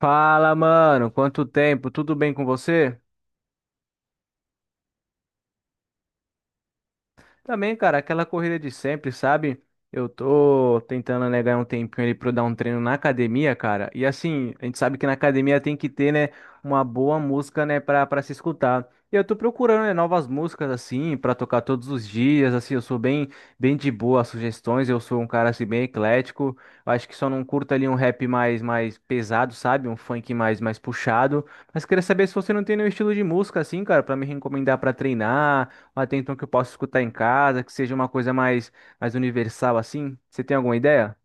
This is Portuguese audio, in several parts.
Fala, mano, quanto tempo? Tudo bem com você? Também, cara, aquela corrida de sempre, sabe? Eu tô tentando, né, ganhar um tempinho ali pra eu dar um treino na academia, cara. E assim, a gente sabe que na academia tem que ter, né, uma boa música, né, pra se escutar. E eu tô procurando, né, novas músicas, assim, pra tocar todos os dias, assim, eu sou bem, bem de boa às sugestões, eu sou um cara, assim, bem eclético. Eu acho que só não curto ali um rap mais pesado, sabe? Um funk mais puxado. Mas queria saber se você não tem nenhum estilo de música, assim, cara, pra me recomendar pra treinar mas tem então que eu possa escutar em casa, que seja uma coisa mais, universal assim? Você tem alguma ideia?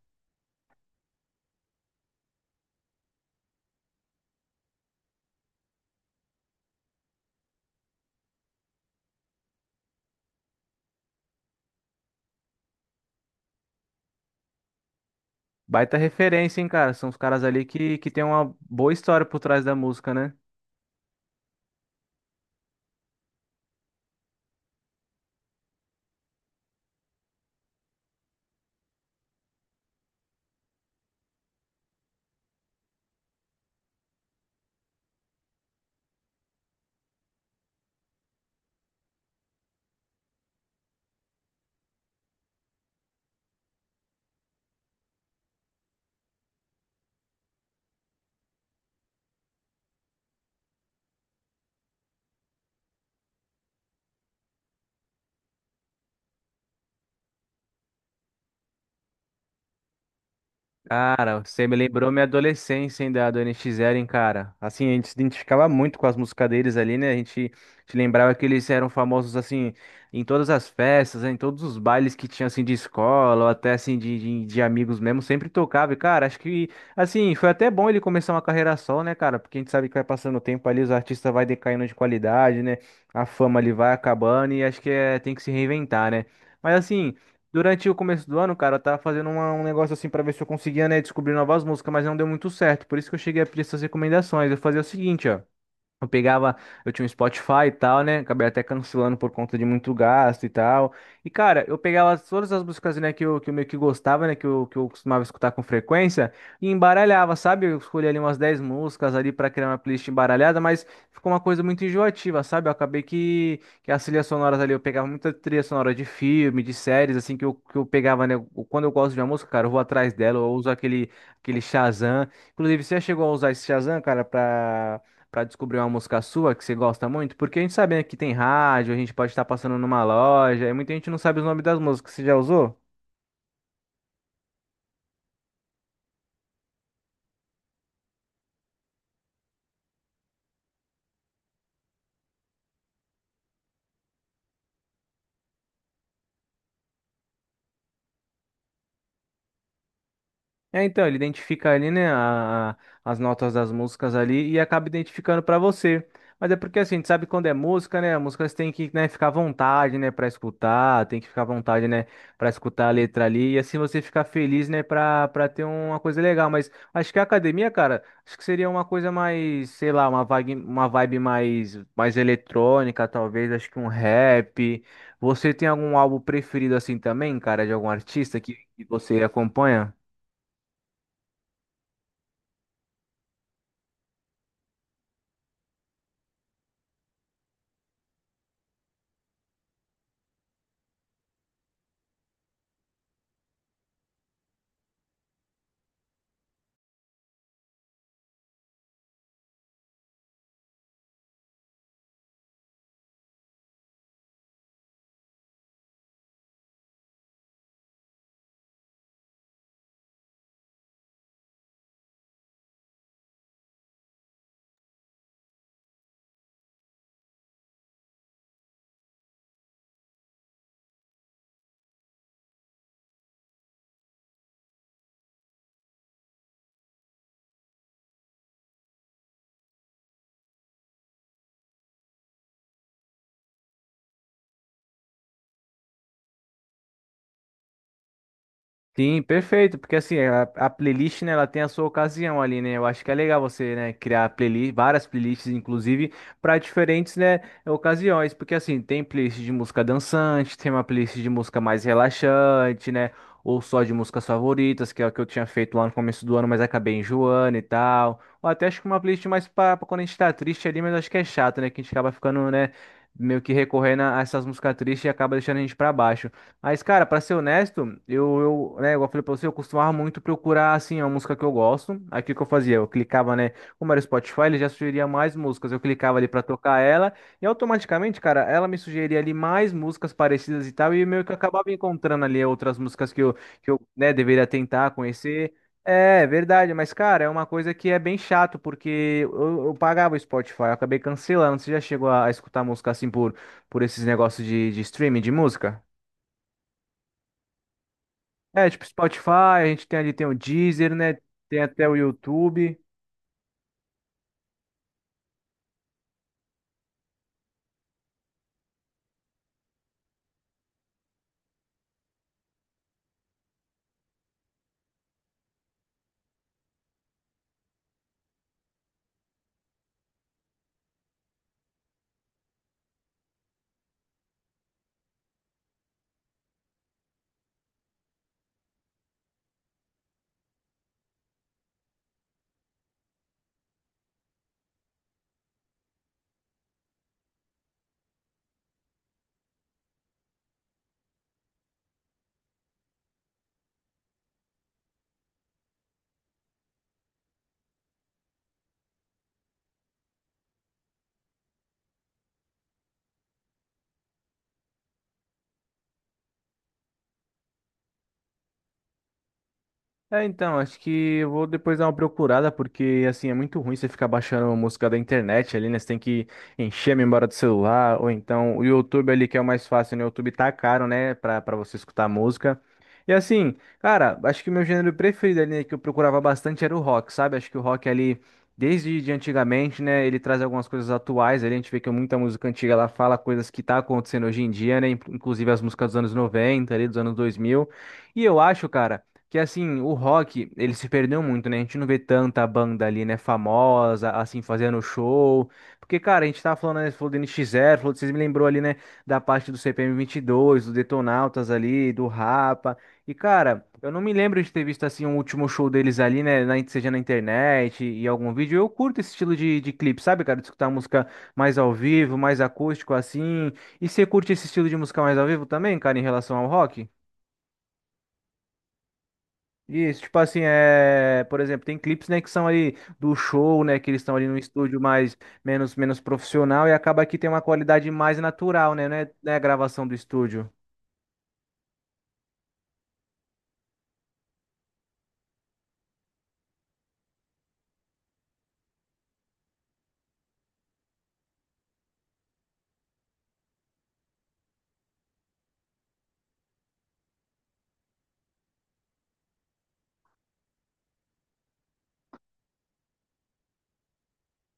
Baita referência, hein, cara? São os caras ali que tem uma boa história por trás da música, né? Cara, você me lembrou minha adolescência, hein, da do NX Zero, hein, cara. Assim, a gente se identificava muito com as músicas deles ali, né? A gente se lembrava que eles eram famosos, assim, em todas as festas, né, em todos os bailes que tinha, assim, de escola, ou até, assim, de amigos mesmo, sempre tocava. E, cara, acho que, assim, foi até bom ele começar uma carreira só, né, cara? Porque a gente sabe que vai passando o tempo ali, os artistas vai decaindo de qualidade, né? A fama ali vai acabando e acho que é, tem que se reinventar, né? Mas, assim. Durante o começo do ano, cara, eu tava fazendo um negócio assim pra ver se eu conseguia, né, descobrir novas músicas, mas não deu muito certo. Por isso que eu cheguei a pedir essas recomendações. Eu fazia o seguinte, ó. Eu pegava, eu tinha um Spotify e tal, né? Acabei até cancelando por conta de muito gasto e tal. E, cara, eu pegava todas as músicas, né, que eu meio que gostava, né, que eu costumava escutar com frequência e embaralhava, sabe? Eu escolhi ali umas 10 músicas ali pra criar uma playlist embaralhada, mas ficou uma coisa muito enjoativa, sabe? Eu acabei que as trilhas sonoras ali, eu pegava muita trilha sonora de filme, de séries, assim, que eu pegava, né? Quando eu gosto de uma música, cara, eu vou atrás dela, eu uso aquele Shazam. Inclusive, você já chegou a usar esse Shazam, cara, pra para descobrir uma música sua que você gosta muito? Porque a gente sabe, né, que tem rádio, a gente pode estar passando numa loja, e muita gente não sabe os nomes das músicas. Você já usou? É, então, ele identifica ali, né, as notas das músicas ali e acaba identificando pra você. Mas é porque assim, a gente sabe quando é música, né? A música você tem que, né, ficar à vontade, né, para escutar, tem que ficar à vontade, né, para escutar a letra ali e assim você ficar feliz, né, para ter uma coisa legal, mas acho que a academia, cara, acho que seria uma coisa mais, sei lá, uma vibe mais eletrônica, talvez, acho que um rap. Você tem algum álbum preferido assim também, cara, de algum artista que você acompanha? Sim, perfeito, porque assim, a playlist, né, ela tem a sua ocasião ali, né? Eu acho que é legal você, né, criar playlist, várias playlists, inclusive, para diferentes, né, ocasiões, porque assim, tem playlist de música dançante, tem uma playlist de música mais relaxante, né, ou só de músicas favoritas, que é o que eu tinha feito lá no começo do ano, mas acabei enjoando e tal. Ou até acho que uma playlist mais para quando a gente tá triste ali, mas acho que é chato, né, que a gente acaba ficando, né, meio que recorrendo a essas músicas tristes e acaba deixando a gente para baixo. Mas, cara, pra ser honesto, né, igual eu falei pra você, eu costumava muito procurar, assim, a música que eu gosto. Aí o que que eu fazia? Eu clicava, né? Como era o Spotify, ele já sugeria mais músicas. Eu clicava ali pra tocar ela e automaticamente, cara, ela me sugeria ali mais músicas parecidas e tal. E meio que eu acabava encontrando ali outras músicas que eu, né, deveria tentar conhecer. É, verdade, mas, cara, é uma coisa que é bem chato, porque eu pagava o Spotify, eu acabei cancelando. Você já chegou a, escutar música assim por esses negócios de streaming de música? É, tipo Spotify, a gente tem ali tem o Deezer, né? Tem até o YouTube. É, então, acho que eu vou depois dar uma procurada, porque assim é muito ruim você ficar baixando uma música da internet ali, né? Você tem que encher a memória do celular, ou então o YouTube ali, que é o mais fácil, né? O YouTube tá caro, né? Pra você escutar música. E assim, cara, acho que o meu gênero preferido ali, né, que eu procurava bastante era o rock, sabe? Acho que o rock ali, desde de antigamente, né? Ele traz algumas coisas atuais ali, a gente vê que muita música antiga ela fala coisas que tá acontecendo hoje em dia, né? Inclusive as músicas dos anos 90 ali, dos anos 2000. E eu acho, cara. Que assim, o rock, ele se perdeu muito, né? A gente não vê tanta banda ali, né, famosa, assim, fazendo show. Porque, cara, a gente tava falando, né, falou do NX Zero, falou, vocês me lembrou ali, né, da parte do CPM 22 do Detonautas ali, do Rapa. E, cara, eu não me lembro de ter visto, assim, um último show deles ali, né, na, seja na internet e algum vídeo. Eu curto esse estilo de clipe, sabe, cara? De escutar música mais ao vivo, mais acústico, assim. E você curte esse estilo de música mais ao vivo também, cara, em relação ao rock? Isso, tipo assim, é, por exemplo, tem clipes, né, que são ali do show, né, que eles estão ali no estúdio mais menos profissional e acaba que tem uma qualidade mais natural, né, a gravação do estúdio.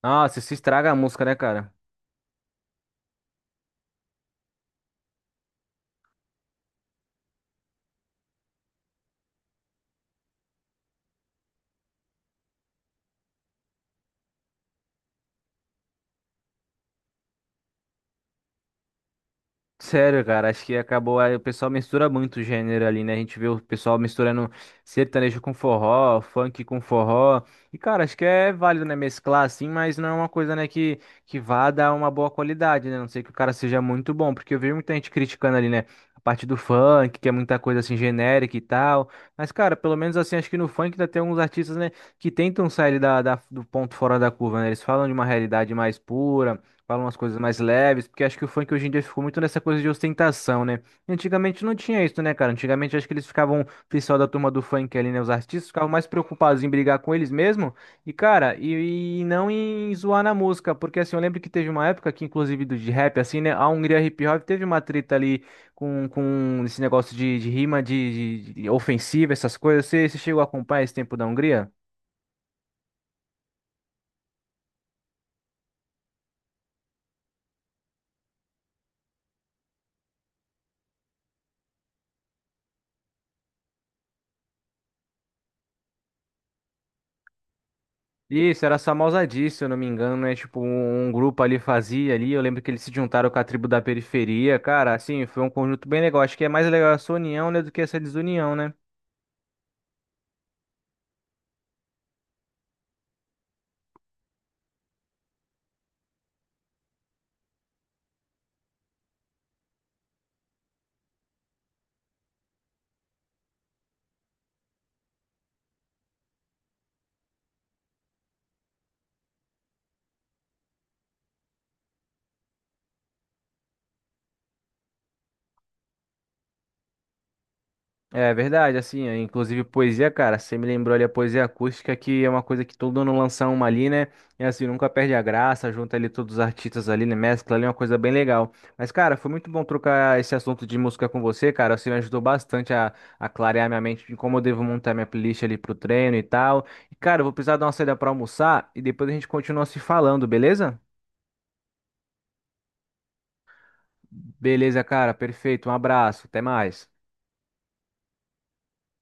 Nossa, se estraga a música, né, cara? Sério, cara, acho que acabou. Aí o pessoal mistura muito o gênero ali, né? A gente vê o pessoal misturando sertanejo com forró, funk com forró. E, cara, acho que é válido, né? Mesclar assim, mas não é uma coisa, né? Que vá dar uma boa qualidade, né? A não sei que o cara seja muito bom, porque eu vi muita gente criticando ali, né? A parte do funk, que é muita coisa assim genérica e tal. Mas, cara, pelo menos assim, acho que no funk ainda tem alguns artistas, né? Que tentam sair da, do ponto fora da curva, né? Eles falam de uma realidade mais pura. Fala umas coisas mais leves, porque acho que o funk hoje em dia ficou muito nessa coisa de ostentação, né? E antigamente não tinha isso, né, cara? Antigamente acho que eles ficavam, o pessoal da turma do funk ali, né? Os artistas ficavam mais preocupados em brigar com eles mesmo e, cara, e não em zoar na música, porque assim, eu lembro que teve uma época que, inclusive, do de rap, assim, né? A Hungria Hip Hop teve uma treta ali com esse negócio de rima, de, de ofensiva, essas coisas. Você, você chegou a acompanhar esse tempo da Hungria? Isso, era só Mausadi, se eu não me engano, né? Tipo, um grupo ali fazia ali. Eu lembro que eles se juntaram com a tribo da periferia. Cara, assim, foi um conjunto bem legal. Acho que é mais legal essa união, né, do que essa desunião, né? É verdade, assim, é, inclusive poesia, cara, você me lembrou ali a poesia acústica, que é uma coisa que todo ano lança uma ali, né? E assim, nunca perde a graça, junta ali todos os artistas ali, né? Mescla ali, é uma coisa bem legal. Mas, cara, foi muito bom trocar esse assunto de música com você, cara. Você me ajudou bastante a, clarear minha mente de como eu devo montar minha playlist ali pro treino e tal. E, cara, eu vou precisar dar uma saída pra almoçar e depois a gente continua se falando, beleza? Beleza, cara, perfeito. Um abraço, até mais.